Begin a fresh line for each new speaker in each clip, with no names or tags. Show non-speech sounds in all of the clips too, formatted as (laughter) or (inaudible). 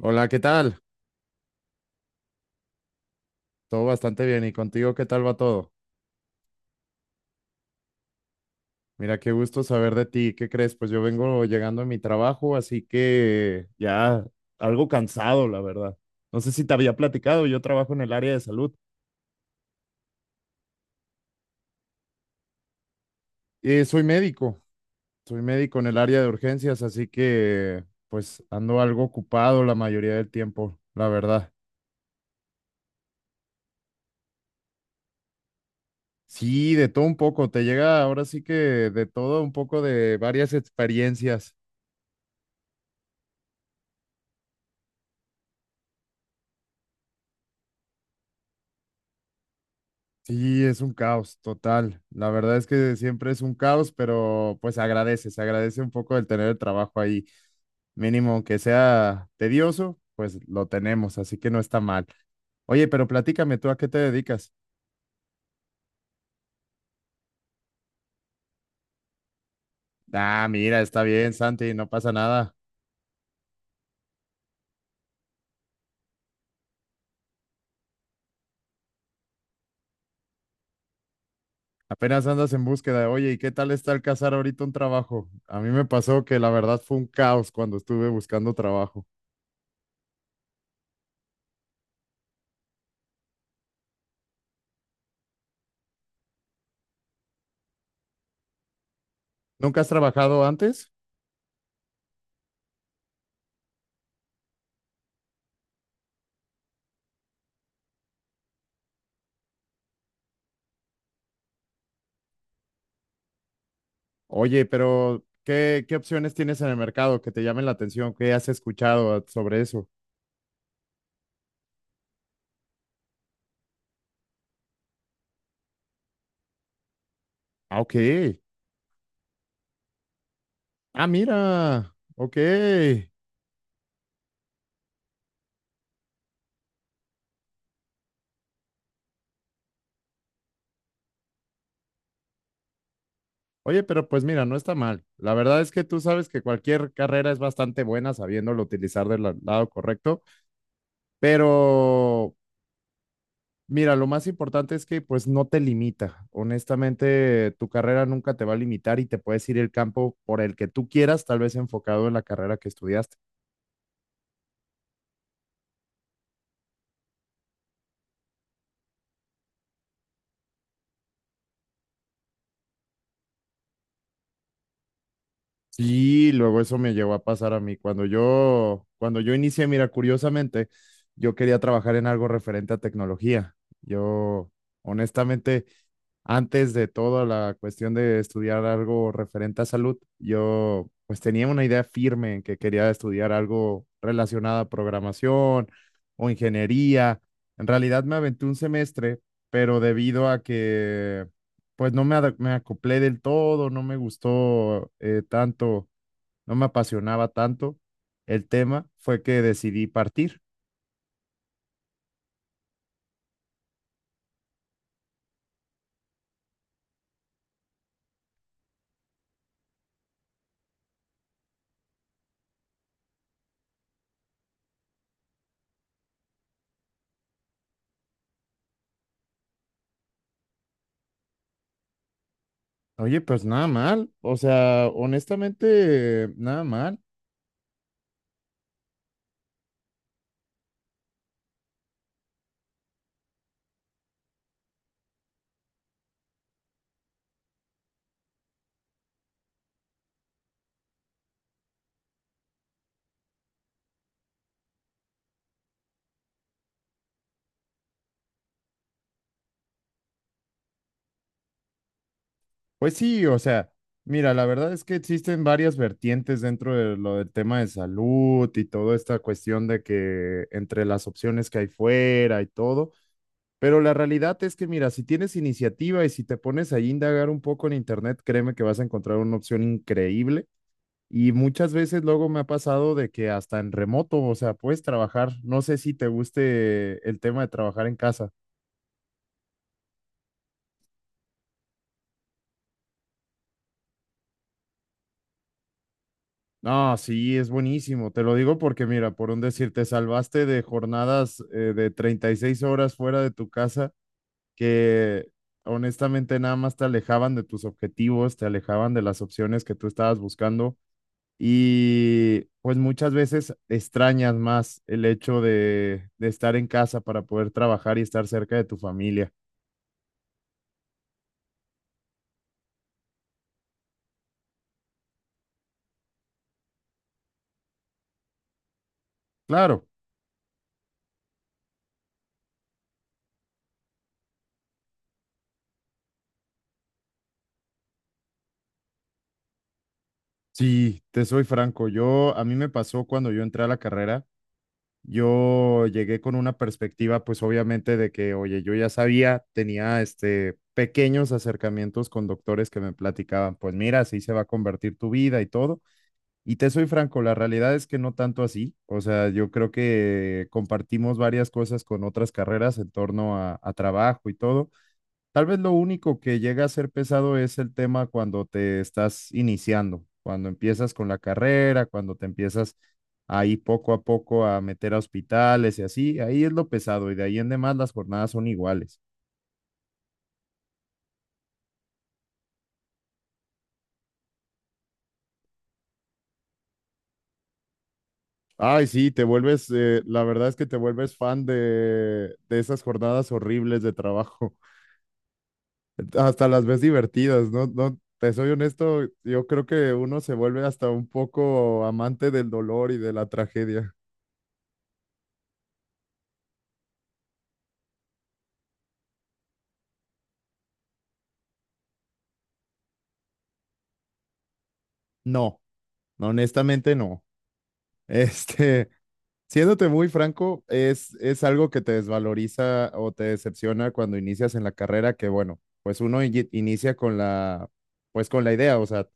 Hola, ¿qué tal? Todo bastante bien. ¿Y contigo qué tal va todo? Mira, qué gusto saber de ti. ¿Qué crees? Pues yo vengo llegando a mi trabajo, así que ya algo cansado, la verdad. No sé si te había platicado, yo trabajo en el área de salud. Soy médico, soy médico en el área de urgencias, así que pues ando algo ocupado la mayoría del tiempo, la verdad. Sí, de todo un poco, te llega ahora sí que de todo un poco de varias experiencias. Sí, es un caos total. La verdad es que siempre es un caos, pero pues agradece, se agradece un poco el tener el trabajo ahí. Mínimo que sea tedioso, pues lo tenemos, así que no está mal. Oye, pero platícame tú a qué te dedicas. Ah, mira, está bien, Santi, no pasa nada. Apenas andas en búsqueda. Oye, ¿y qué tal está el cazar ahorita un trabajo? A mí me pasó que la verdad fue un caos cuando estuve buscando trabajo. ¿Nunca has trabajado antes? Oye, pero ¿qué opciones tienes en el mercado que te llamen la atención? ¿Qué has escuchado sobre eso? Ah, ok. Ah, mira. Ok. Oye, pero pues mira, no está mal. La verdad es que tú sabes que cualquier carrera es bastante buena sabiéndolo utilizar del lado correcto, pero mira, lo más importante es que pues no te limita. Honestamente, tu carrera nunca te va a limitar y te puedes ir el campo por el que tú quieras, tal vez enfocado en la carrera que estudiaste. Sí, luego eso me llegó a pasar a mí. Cuando yo inicié, mira, curiosamente, yo quería trabajar en algo referente a tecnología. Yo, honestamente, antes de toda la cuestión de estudiar algo referente a salud, yo pues tenía una idea firme en que quería estudiar algo relacionado a programación o ingeniería. En realidad me aventé un semestre, pero debido a que pues no me, ada- me acoplé del todo, no me gustó tanto, no me apasionaba tanto el tema, fue que decidí partir. Oye, pues nada mal, o sea, honestamente, nada mal. Pues sí, o sea, mira, la verdad es que existen varias vertientes dentro de lo del tema de salud y toda esta cuestión de que entre las opciones que hay fuera y todo. Pero la realidad es que, mira, si tienes iniciativa y si te pones ahí a indagar un poco en internet, créeme que vas a encontrar una opción increíble. Y muchas veces luego me ha pasado de que hasta en remoto, o sea, puedes trabajar. No sé si te guste el tema de trabajar en casa. No, sí, es buenísimo. Te lo digo porque, mira, por un decir, te salvaste de jornadas de 36 horas fuera de tu casa que honestamente nada más te alejaban de tus objetivos, te alejaban de las opciones que tú estabas buscando. Y pues muchas veces extrañas más el hecho de estar en casa para poder trabajar y estar cerca de tu familia. Claro, sí, te soy franco, yo a mí me pasó cuando yo entré a la carrera, yo llegué con una perspectiva pues obviamente de que, oye, yo ya sabía, tenía este pequeños acercamientos con doctores que me platicaban, pues mira, así se va a convertir tu vida y todo. Y te soy franco, la realidad es que no tanto así. O sea, yo creo que compartimos varias cosas con otras carreras en torno a trabajo y todo. Tal vez lo único que llega a ser pesado es el tema cuando te estás iniciando, cuando empiezas con la carrera, cuando te empiezas ahí poco a poco a meter a hospitales y así. Ahí es lo pesado y de ahí en demás las jornadas son iguales. Ay, sí, te vuelves, la verdad es que te vuelves fan de esas jornadas horribles de trabajo. Hasta las ves divertidas, ¿no? No, te soy honesto, yo creo que uno se vuelve hasta un poco amante del dolor y de la tragedia. No, honestamente no. (laughs) Este, siéndote muy franco, es algo que te desvaloriza o te decepciona cuando inicias en la carrera, que bueno, pues uno inicia con la, pues con la idea, o sea,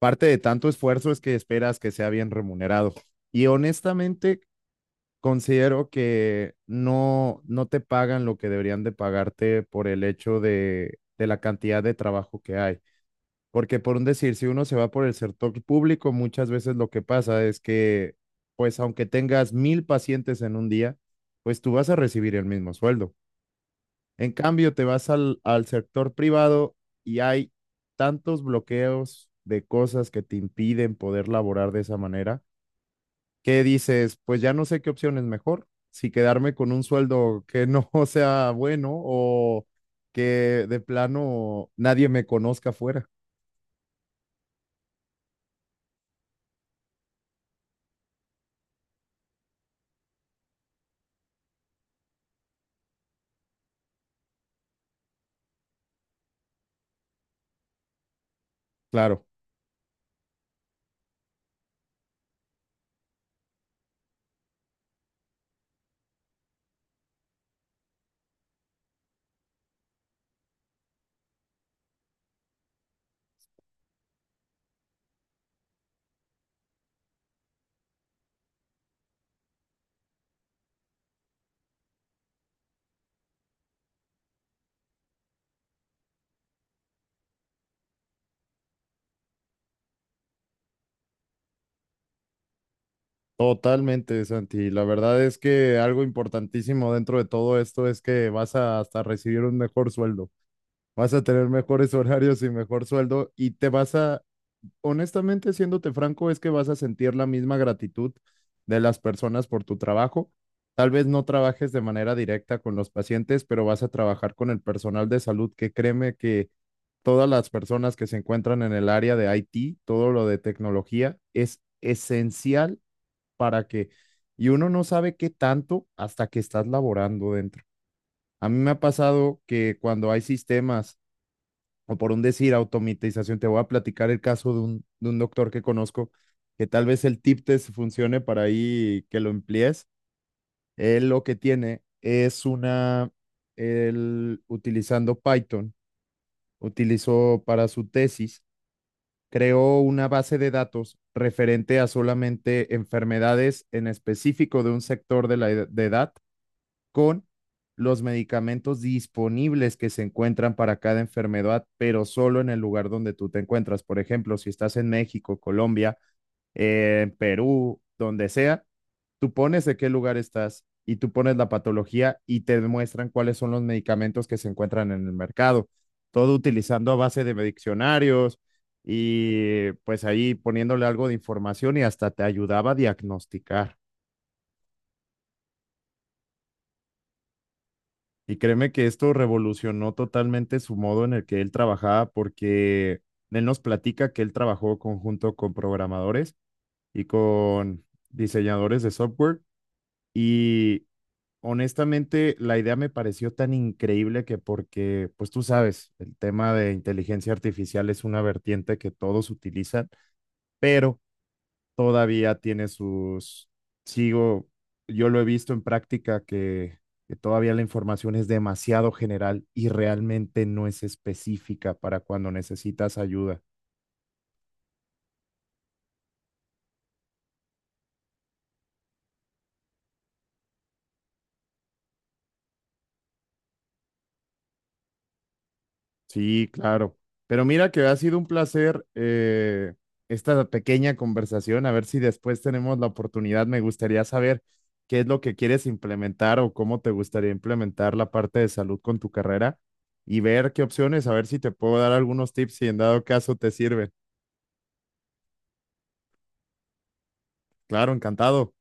parte de tanto esfuerzo es que esperas que sea bien remunerado. Y honestamente, considero que no, no te pagan lo que deberían de pagarte por el hecho de la cantidad de trabajo que hay. Porque por un decir, si uno se va por el sector público, muchas veces lo que pasa es que, pues aunque tengas mil pacientes en un día, pues tú vas a recibir el mismo sueldo. En cambio, te vas al sector privado y hay tantos bloqueos de cosas que te impiden poder laborar de esa manera, que dices, pues ya no sé qué opción es mejor, si quedarme con un sueldo que no (laughs) sea bueno o que de plano nadie me conozca afuera. Claro, totalmente, Santi. La verdad es que algo importantísimo dentro de todo esto es que vas a hasta recibir un mejor sueldo, vas a tener mejores (laughs) horarios y mejor sueldo y te vas a, honestamente, siéndote franco, es que vas a sentir la misma gratitud de las personas por tu trabajo. Tal vez no trabajes de manera directa con los pacientes, pero vas a trabajar con el personal de salud, que créeme que todas las personas que se encuentran en el área de IT, todo lo de tecnología, es esencial para que, y uno no sabe qué tanto hasta que estás laborando dentro. A mí me ha pasado que cuando hay sistemas o por un decir, automatización. Te voy a platicar el caso de un doctor que conozco, que tal vez el tip test funcione para ahí que lo emplees. Él lo que tiene es una, él utilizando Python, utilizó para su tesis, creó una base de datos referente a solamente enfermedades en específico de un sector de la de edad con los medicamentos disponibles que se encuentran para cada enfermedad, pero solo en el lugar donde tú te encuentras. Por ejemplo, si estás en México, Colombia, Perú, donde sea, tú pones de qué lugar estás y tú pones la patología y te demuestran cuáles son los medicamentos que se encuentran en el mercado. Todo utilizando a base de diccionarios y pues ahí poniéndole algo de información y hasta te ayudaba a diagnosticar. Y créeme que esto revolucionó totalmente su modo en el que él trabajaba, porque él nos platica que él trabajó conjunto con programadores y con diseñadores de software. Y honestamente, la idea me pareció tan increíble que porque, pues tú sabes, el tema de inteligencia artificial es una vertiente que todos utilizan, pero todavía tiene sus, sigo, yo lo he visto en práctica que todavía la información es demasiado general y realmente no es específica para cuando necesitas ayuda. Sí, claro. Pero mira que ha sido un placer esta pequeña conversación. A ver si después tenemos la oportunidad. Me gustaría saber qué es lo que quieres implementar o cómo te gustaría implementar la parte de salud con tu carrera y ver qué opciones, a ver si te puedo dar algunos tips si en dado caso te sirven. Claro, encantado.